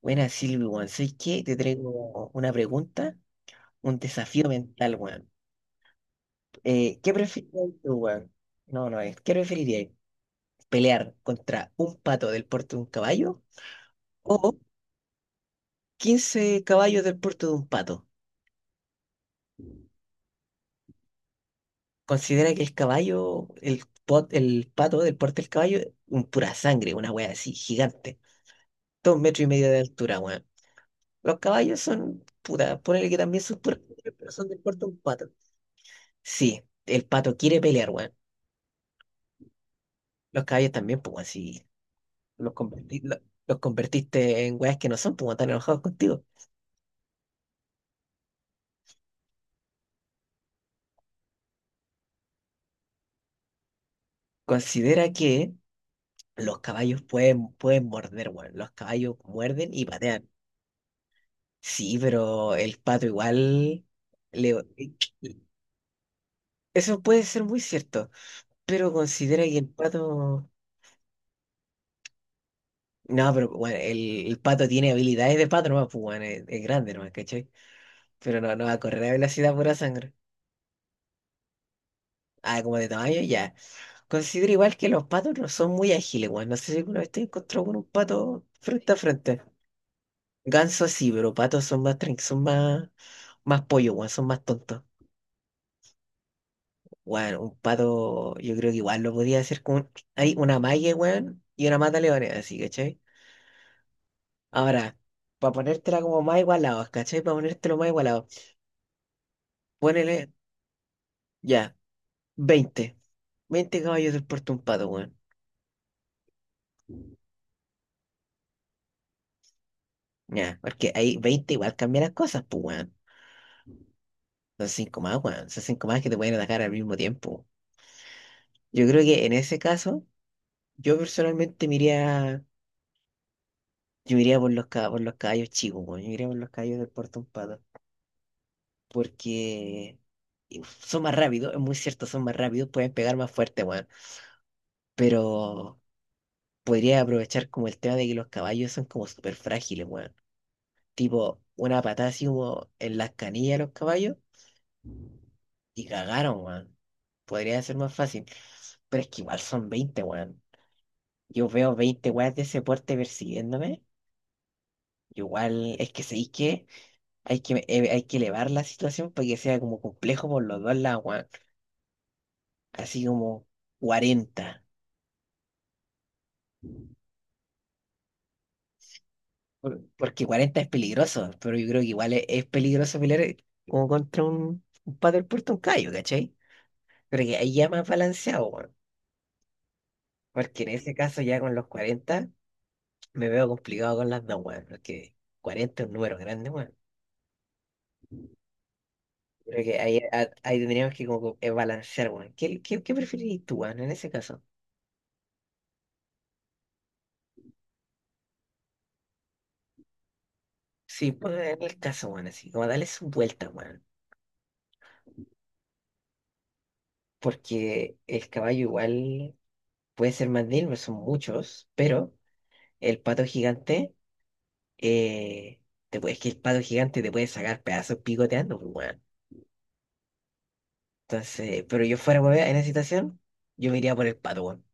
Buena, Silvi, weón. ¿Sabes qué? Te traigo una pregunta, un desafío mental, weón. ¿Qué preferirías tú, weón? No, no es. ¿Qué preferirías? ¿Pelear contra un pato del porte de un caballo o 15 caballos del porte de un pato? Considera que el caballo, el pato del porte del caballo, un pura sangre, una wea así, gigante. 2,5 metros de altura, weón. Los caballos son, puta, ponele que también son puras sangre, pero son del porte de un pato. Sí, el pato quiere pelear, weón. Los caballos también, pues, weón, si los, converti- lo- los convertiste en weas que no son, pues, weón, están enojados contigo. Considera que los caballos pueden morder, weón. Los caballos muerden y patean. Sí, pero el pato igual le... Eso puede ser muy cierto, pero considera que el pato... No, pero bueno, el pato tiene habilidades de pato, nomás, pues, weón, es grande, nomás, ¿cachai? Pero no, no va a correr a velocidad pura sangre. Ah, como de tamaño, ya. Considero igual que los patos no son muy ágiles, weón. No sé si alguna vez te encontró con un pato frente a frente. Gansos sí, pero patos son más, más pollo, weón, son más tontos. Weón, un pato, yo creo que igual lo podía hacer. Hay una malla, weón, y una mata leones, así, ¿cachai? Ahora, para ponértela como más igualado, ¿cachai? Para ponértelo más igualado. Ponele, ya, 20 20 caballos del puerto un pato, weón. Ya, porque ahí 20 igual cambia las cosas, pues, weón. Son cinco más, weón. Son cinco más que te pueden atacar al mismo tiempo. Yo creo que en ese caso, yo personalmente me iría, yo me iría por los caballos chicos, weón. Yo me iría por los caballos del Puerto Pato. Porque son más rápidos, es muy cierto, son más rápidos, pueden pegar más fuerte, weón. Pero podría aprovechar como el tema de que los caballos son como súper frágiles, weón. Tipo, una patada así como en las canillas de los caballos y cagaron, weón. Podría ser más fácil. Pero es que igual son 20, weón. Yo veo 20 weas de ese porte persiguiéndome. Igual es que sé que hay que elevar la situación para que sea como complejo por los dos lados, weón. Así como cuarenta. Porque 40 es peligroso, pero yo creo que igual es, peligroso pelear como contra un paddle puerto, un callo, ¿cachai? Pero que ahí ya más balanceado, weón. Porque en ese caso ya con los 40 me veo complicado con las dos, weón. Porque 40 es un número grande. Creo que ahí tendríamos que como que, balancear, weón. ¿Qué preferirías tú, weón, en ese caso? Sí, pues en el caso, weón, así, como darle su vuelta, weón. Porque el caballo igual puede ser más de él, son muchos, pero el pato gigante, eh, es que el pato gigante te puede sacar pedazos picoteando, pues, weón. Entonces, pero yo fuera, weón, en esa situación, yo me iría por el pato, weón.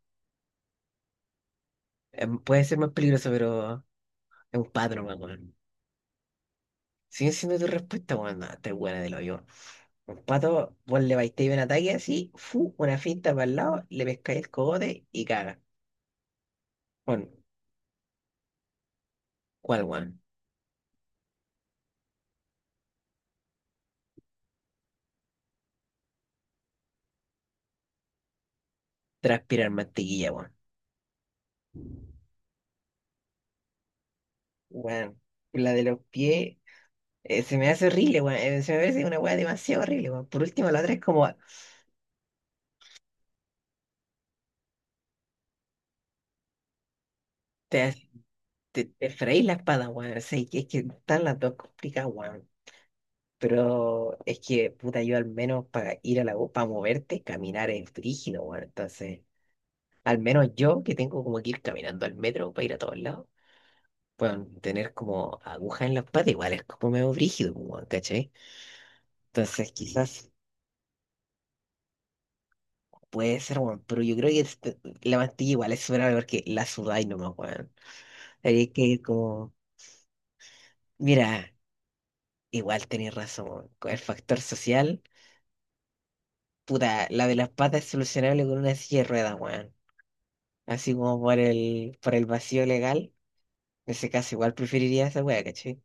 Puede ser más peligroso, pero es un pato nomás, weón. Sigue siendo tu respuesta, weón, no, te buena del hoyo. Un pato, vos le vais un ataque así, fu, una finta para el lado, le pescáis el cogote y caga. Bueno, ¿cuál, weón? Transpirar mantequilla, weón. Weón, la de los pies, se me hace horrible, weón. Se me parece una weá demasiado horrible, weón. Por último, la otra es como, te, te freís la espada, weón. O sea, es que están las dos complicadas, weón. Pero es que, puta, yo al menos para ir a la U, para moverte, caminar es brígido, weón. Entonces, al menos yo que tengo como que ir caminando al metro para ir a todos lados. Bueno, tener como agujas en la espalda igual es como medio brígido, pues, weón, ¿cachai? Entonces quizás puede ser, weón, pero yo creo que la mantilla igual es superable porque la sudáis nomás, weón. Hay que ir como, mira, igual tenéis razón, weón. Con el factor social, puta, la de las patas es solucionable con una silla de ruedas, weón. Así como por el vacío legal, en ese caso igual preferiría esa weá, ¿cachai?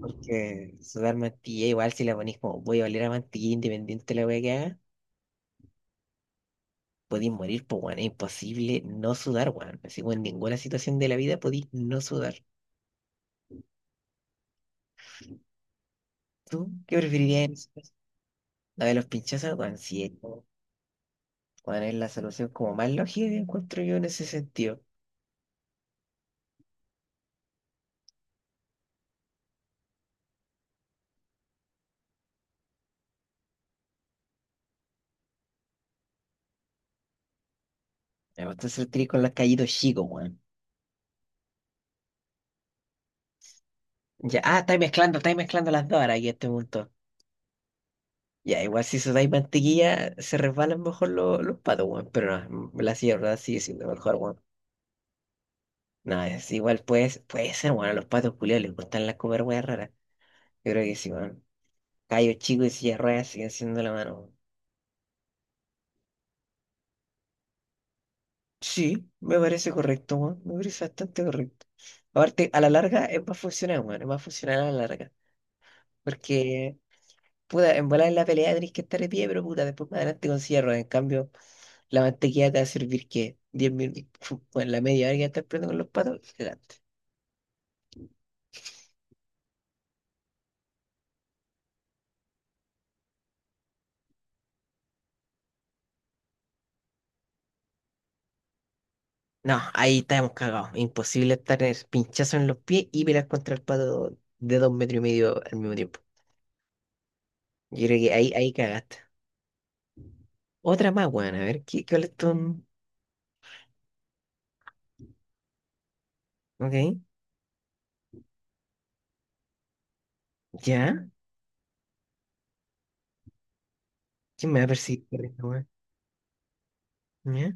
Porque sudar mantilla igual si la ponís como voy a oler a mantilla independiente de la weá que haga. Podéis morir, pues, weón. Es imposible no sudar, weón. Así, weón, en ninguna situación de la vida podéis no sudar. ¿Tú qué preferirías en ese caso? La de los pinchazos, weón, sí, es weón, es la solución como más lógica que encuentro yo en ese sentido. Me gusta hacer clic con los callitos chicos, weón. Ya, ah, estáis mezclando las dos ahora aquí a este punto. Ya, igual si sudáis mantequilla, se resbalan mejor los patos, weón. Pero no, la sierra sigue siendo mejor, weón. No, es igual, pues, puede ser, weón. A los patos culiados les gustan las comer weas raras. Yo creo que sí, weón. Cayo chico y silla de ruedas sigue siendo la mano. Sí, me parece correcto, weón. Me parece bastante correcto. Aparte, a la larga es más funcional, weón. Es más funcional a la larga. Porque, puta, en volar en la pelea tenés que estar de pie, pero puta, después más adelante con silla de ruedas. En cambio, la mantequilla te va a servir que 10 minutos, en la media hora que estás peleando con los patos, adelante. No, ahí estamos cagados. Imposible estar en pinchazo en los pies y pelear contra el pato de 2,5 metros al mismo tiempo. Yo creo que ahí cagaste. Otra más, weón. A ver, ¿ cuál es tu...? Ok. ¿Ya? ¿Quién me va a perseguir corriendo, weón? ¿Ya?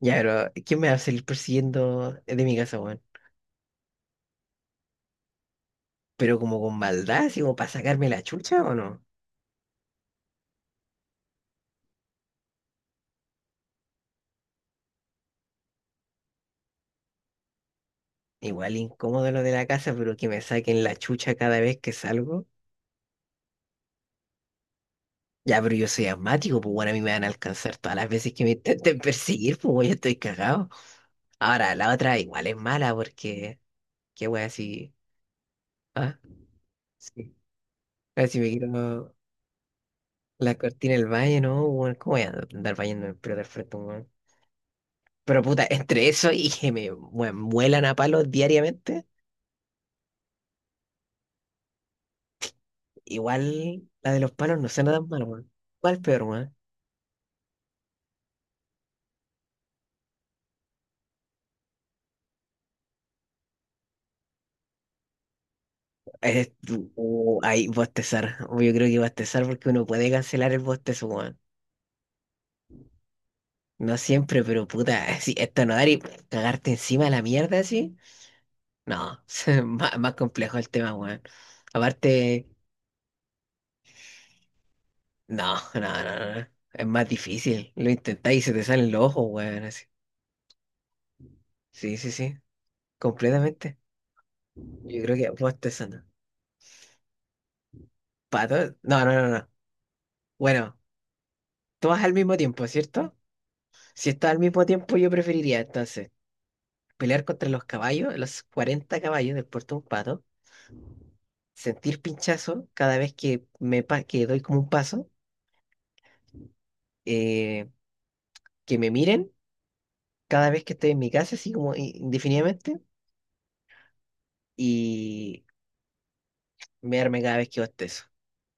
Ya, pero ¿quién me va a salir persiguiendo de mi casa, weón? Pero como con maldad, así como para sacarme la chucha o no. Igual incómodo lo de la casa, pero que me saquen la chucha cada vez que salgo. Ya, pero yo soy asmático, pues bueno, a mí me van a alcanzar todas las veces que me intenten perseguir, pues weón, yo estoy cagado. Ahora, la otra igual es mala porque, qué weón, así. Ah, sí. Así me quiero. La cortina del valle, ¿no? Weón, ¿cómo voy a andar bañando en pelota al frente, weón? Pero puta, entre eso y que muelan a palos diariamente, igual la de los palos no suena tan mal, weón. ¿Cuál peor, weón? Es, Ahí bostezar. Yo creo que bostezar porque uno puede cancelar el bostezo, weón. No siempre, pero puta, si esto no dar y cagarte encima de la mierda así. No, más, más complejo el tema, weón. Aparte. No, no, no, no. No. Es más difícil. Lo intentáis y se te salen los ojos, weón. Así. Sí, sí, sí. Completamente. Yo creo que vos te sana. ¿Pato? No, no, no, no. Bueno, todas al mismo tiempo, ¿cierto? Si estás al mismo tiempo, yo preferiría entonces pelear contra los caballos, los 40 caballos del puerto de un pato, sentir pinchazo cada vez que que doy como un paso, eh, que me miren cada vez que estoy en mi casa, así como indefinidamente, mearme cada vez que bostezo.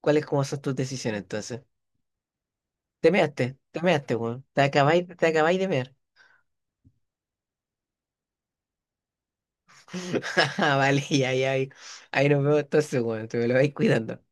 ¿Cuáles como son tus decisiones entonces? Te measte, weón. Te acabáis de mear. Vale, ya, ya, ahí nos vemos entonces, weón. Te me lo vais cuidando.